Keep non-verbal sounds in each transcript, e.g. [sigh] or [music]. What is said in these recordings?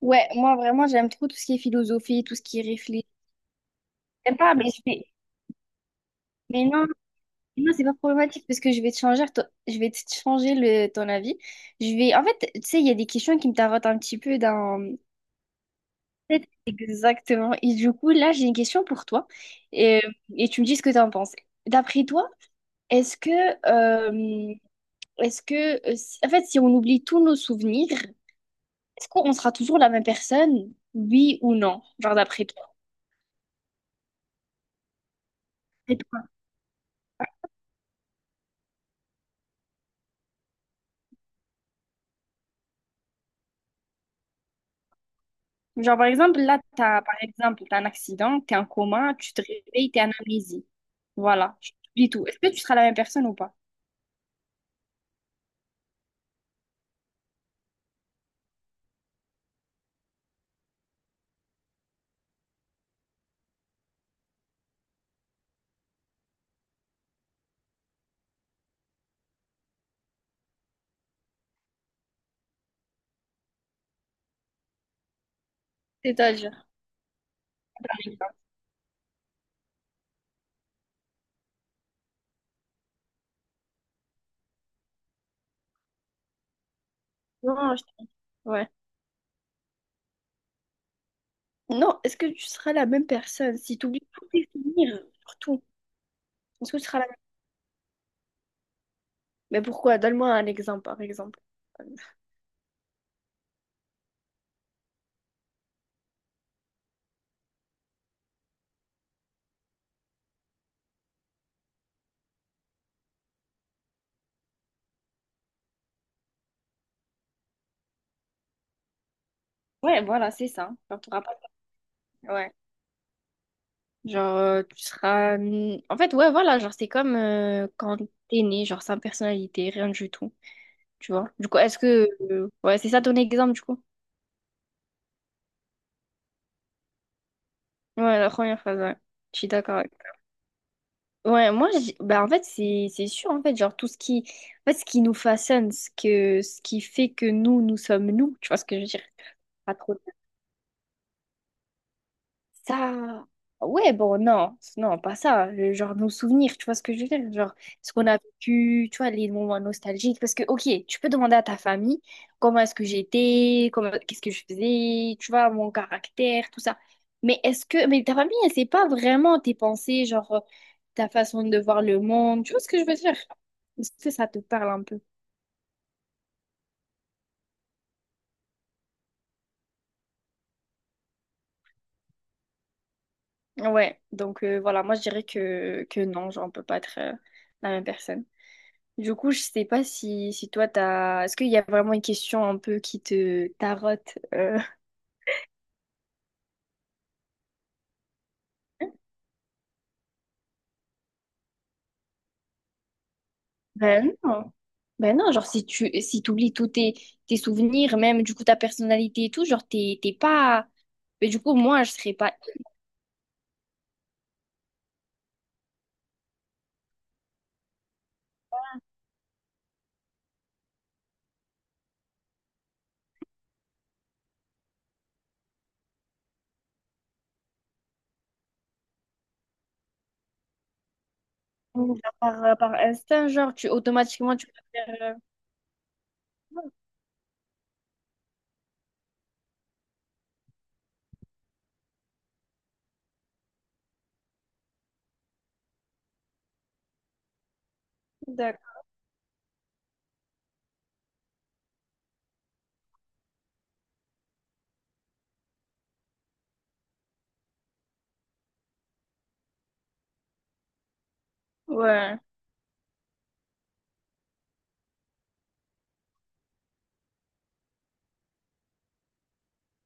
Ouais, moi vraiment j'aime trop tout ce qui est philosophie, tout ce qui est réfléchi. J'aime pas, mais mais non, non, c'est pas problématique parce que je vais te je vais te changer ton avis. Je vais, en fait, tu sais, il y a des questions qui me tarotent un petit peu dans. Exactement. Et du coup, là, j'ai une question pour toi et, et tu me dis ce que tu en penses. D'après toi, est-ce que, euh, est-ce que, en fait, si on oublie tous nos souvenirs, est-ce qu'on sera toujours la même personne, oui ou non, genre d'après toi? Genre, par exemple, là, t'as, par exemple, t'as un accident, t'es en coma, tu te réveilles, t'es en amnésie. Voilà, tu oublies tout. Est-ce que tu seras la même personne ou pas? C'est-à-dire. Par exemple. Non, je... ouais. Non, est-ce que tu seras la même personne si tu oublies tous tes souvenirs, surtout? Est-ce que tu seras la même? Mais pourquoi? Donne-moi un exemple, par exemple. Ouais, voilà, c'est ça. Genre, t'auras pas... Ouais. Genre, tu seras. En fait, ouais, voilà, genre, c'est comme quand t'es né, genre, sans personnalité, rien du tout. Tu vois? Du coup, est-ce que. Ouais, c'est ça ton exemple, du coup? Ouais, la première phrase, ouais. Je suis d'accord avec toi. Ouais, moi, je en fait, c'est sûr, en fait, genre, tout ce qui, en fait, ce qui nous façonne, ce qui fait que nous, nous sommes nous, tu vois ce que je veux dire? Pas trop. Ça, ouais, bon, non, non, pas ça. Genre nos souvenirs, tu vois ce que je veux dire? Genre ce qu'on a vécu, tu vois, les moments nostalgiques. Parce que, ok, tu peux demander à ta famille comment est-ce que j'étais, comment, qu'est-ce que je faisais, tu vois, mon caractère, tout ça. Mais ta famille, elle sait pas vraiment tes pensées, genre ta façon de voir le monde, tu vois ce que je veux dire? Est-ce que ça te parle un peu? Ouais, donc voilà, moi je dirais que non, genre on peut pas être la même personne. Du coup, je sais pas si, si toi, t'as... Est-ce qu'il y a vraiment une question un peu qui te tarote? Ben non. Ben non, genre si t'oublies tous tes, tes souvenirs, même du coup ta personnalité et tout, genre t'es pas... Mais du coup, moi, je serais pas... Genre, par, par instinct, genre, tu automatiquement, tu vas faire... D'accord. Ouais.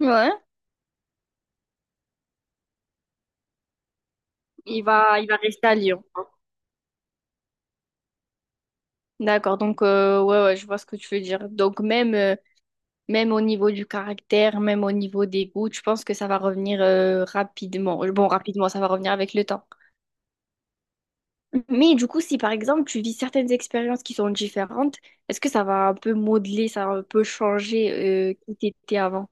Ouais. Il va rester à Lyon. D'accord, donc ouais, ouais, je vois ce que tu veux dire. Donc même... même au niveau du caractère, même au niveau des goûts, je pense que ça va revenir rapidement. Bon, rapidement, ça va revenir avec le temps. Mais du coup, si par exemple tu vis certaines expériences qui sont différentes, est-ce que ça va un peu modeler, ça va un peu changer qui t'étais avant?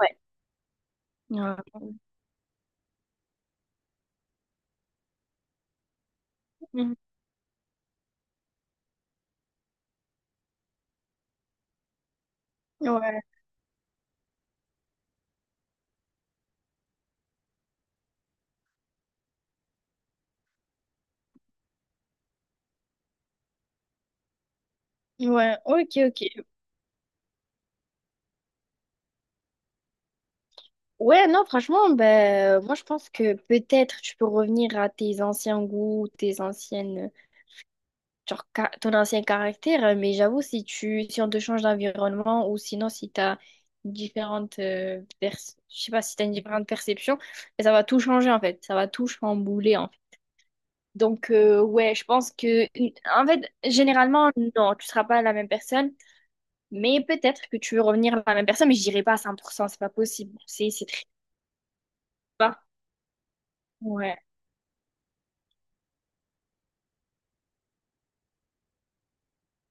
Ouais. Ouais. Mhm. Ouais, ouais, ok, ok. Ouais, non, franchement, ben, moi je pense que peut-être tu peux revenir à tes anciens goûts, tes anciennes. Genre ton ancien caractère, hein, mais j'avoue, si on te change d'environnement ou sinon si tu as différentes je sais pas si tu une différente perception, ben, ça va tout changer en fait, ça va tout chambouler en fait. Donc ouais, je pense que en fait, généralement non, tu seras pas la même personne, mais peut-être que tu veux revenir à la même personne, mais je dirais pas à 100% c'est pas possible. C'est très bas. Ouais.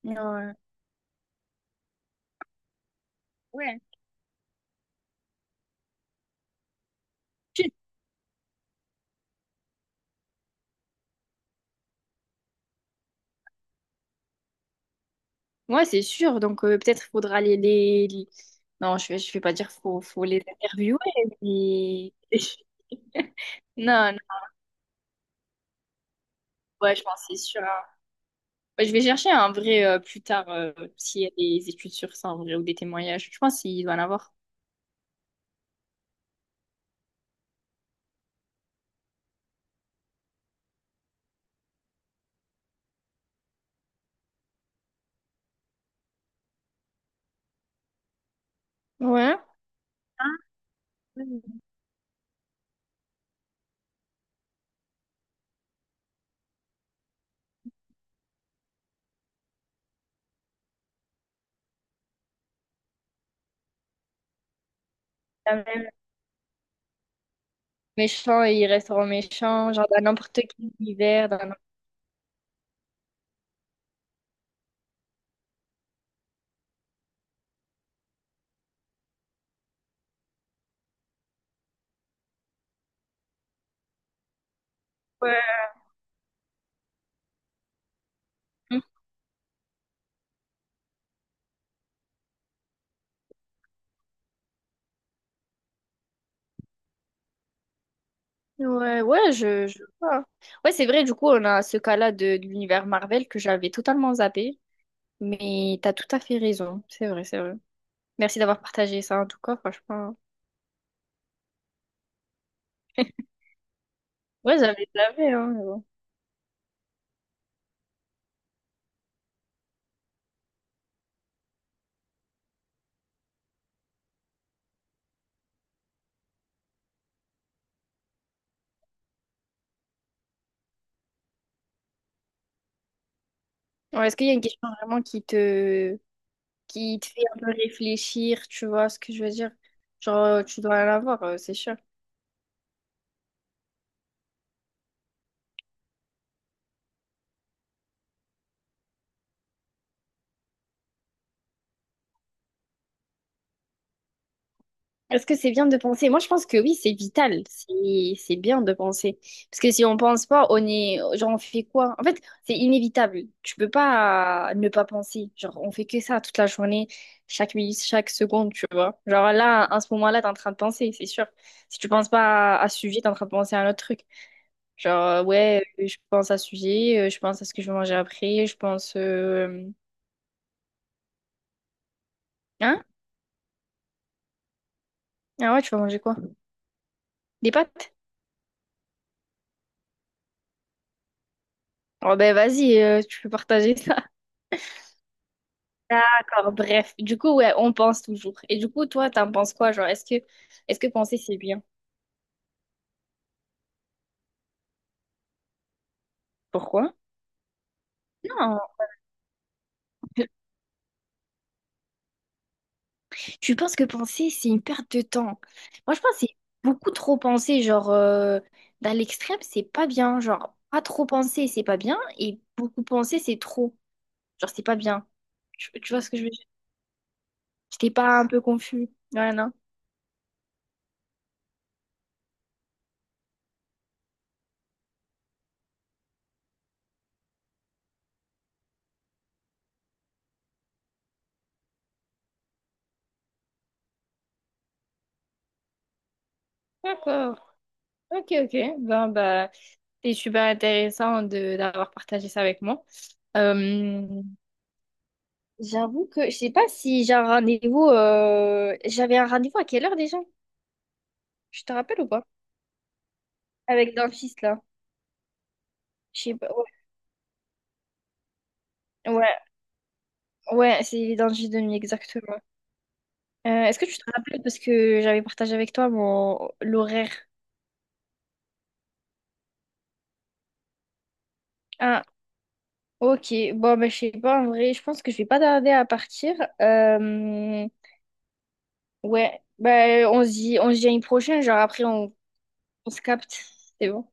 Ouais. Ouais. Ouais, c'est sûr. Donc, peut-être faudra les- Non, je vais pas dire faut les interviewer, mais... [laughs] Non, non, ouais, je pense que c'est sûr, hein. Ouais, je vais chercher un vrai plus tard, s'il y a des études sur ça en vrai, ou des témoignages. Je pense qu'il doit en avoir. Ouais. Oui. Quand même, méchant, ils resteront méchants, genre dans n'importe quel univers, dans n'importe- Ouais. Ouais, ouais, je vois. Ouais, c'est vrai, du coup, on a ce cas-là de l'univers Marvel que j'avais totalement zappé. Mais t'as tout à fait raison, c'est vrai, c'est vrai. Merci d'avoir partagé ça en tout cas, franchement. Ouais, j'avais, hein, mais bon. Ouais, est-ce qu'il y a une question vraiment qui te fait un peu réfléchir, tu vois ce que je veux dire? Genre, tu dois en avoir, c'est sûr. Est-ce que c'est bien de penser? Moi, je pense que oui, c'est vital. C'est bien de penser. Parce que si on pense pas, on est, genre, on fait quoi? En fait, c'est inévitable. Tu peux pas ne pas penser. Genre, on fait que ça toute la journée, chaque minute, chaque seconde, tu vois. Genre là, à ce moment-là, t'es en train de penser, c'est sûr. Si tu penses pas à ce sujet, t'es en train de penser à un autre truc. Genre, je pense à ce sujet, je pense à ce que je vais manger après, je pense, hein? Ah ouais, tu vas manger quoi? Des pâtes? Oh ben vas-y, tu peux partager ça. D'accord, bref. Du coup, ouais, on pense toujours. Et du coup, toi, t'en penses quoi? Genre, est-ce que penser c'est bien? Pourquoi? Non, tu penses que penser c'est une perte de temps. Moi, je pense que c'est beaucoup trop penser. Genre, dans l'extrême, c'est pas bien. Genre, pas trop penser, c'est pas bien. Et beaucoup penser, c'est trop. Genre, c'est pas bien. Tu vois ce que je veux dire? J'étais pas un peu confus. Ouais, non. D'accord. Ok, ok. Ben, bah, c'est super intéressant de d'avoir partagé ça avec moi. Euh, J'avoue que je sais pas si j'ai un rendez-vous. J'avais un rendez-vous à quelle heure déjà? Je te rappelle ou pas? Avec le dentiste là. Je sais pas. Ouais, ouais, ouais, c'est les dentistes de nuit, exactement. Est-ce que tu te rappelles parce que j'avais partagé avec toi mon l'horaire? Ah, ok. Bon, ben, je sais pas en vrai. Je pense que je vais pas tarder à partir. Euh, Ouais, ben, on se dit à une prochaine. Genre après, on se capte. C'est bon.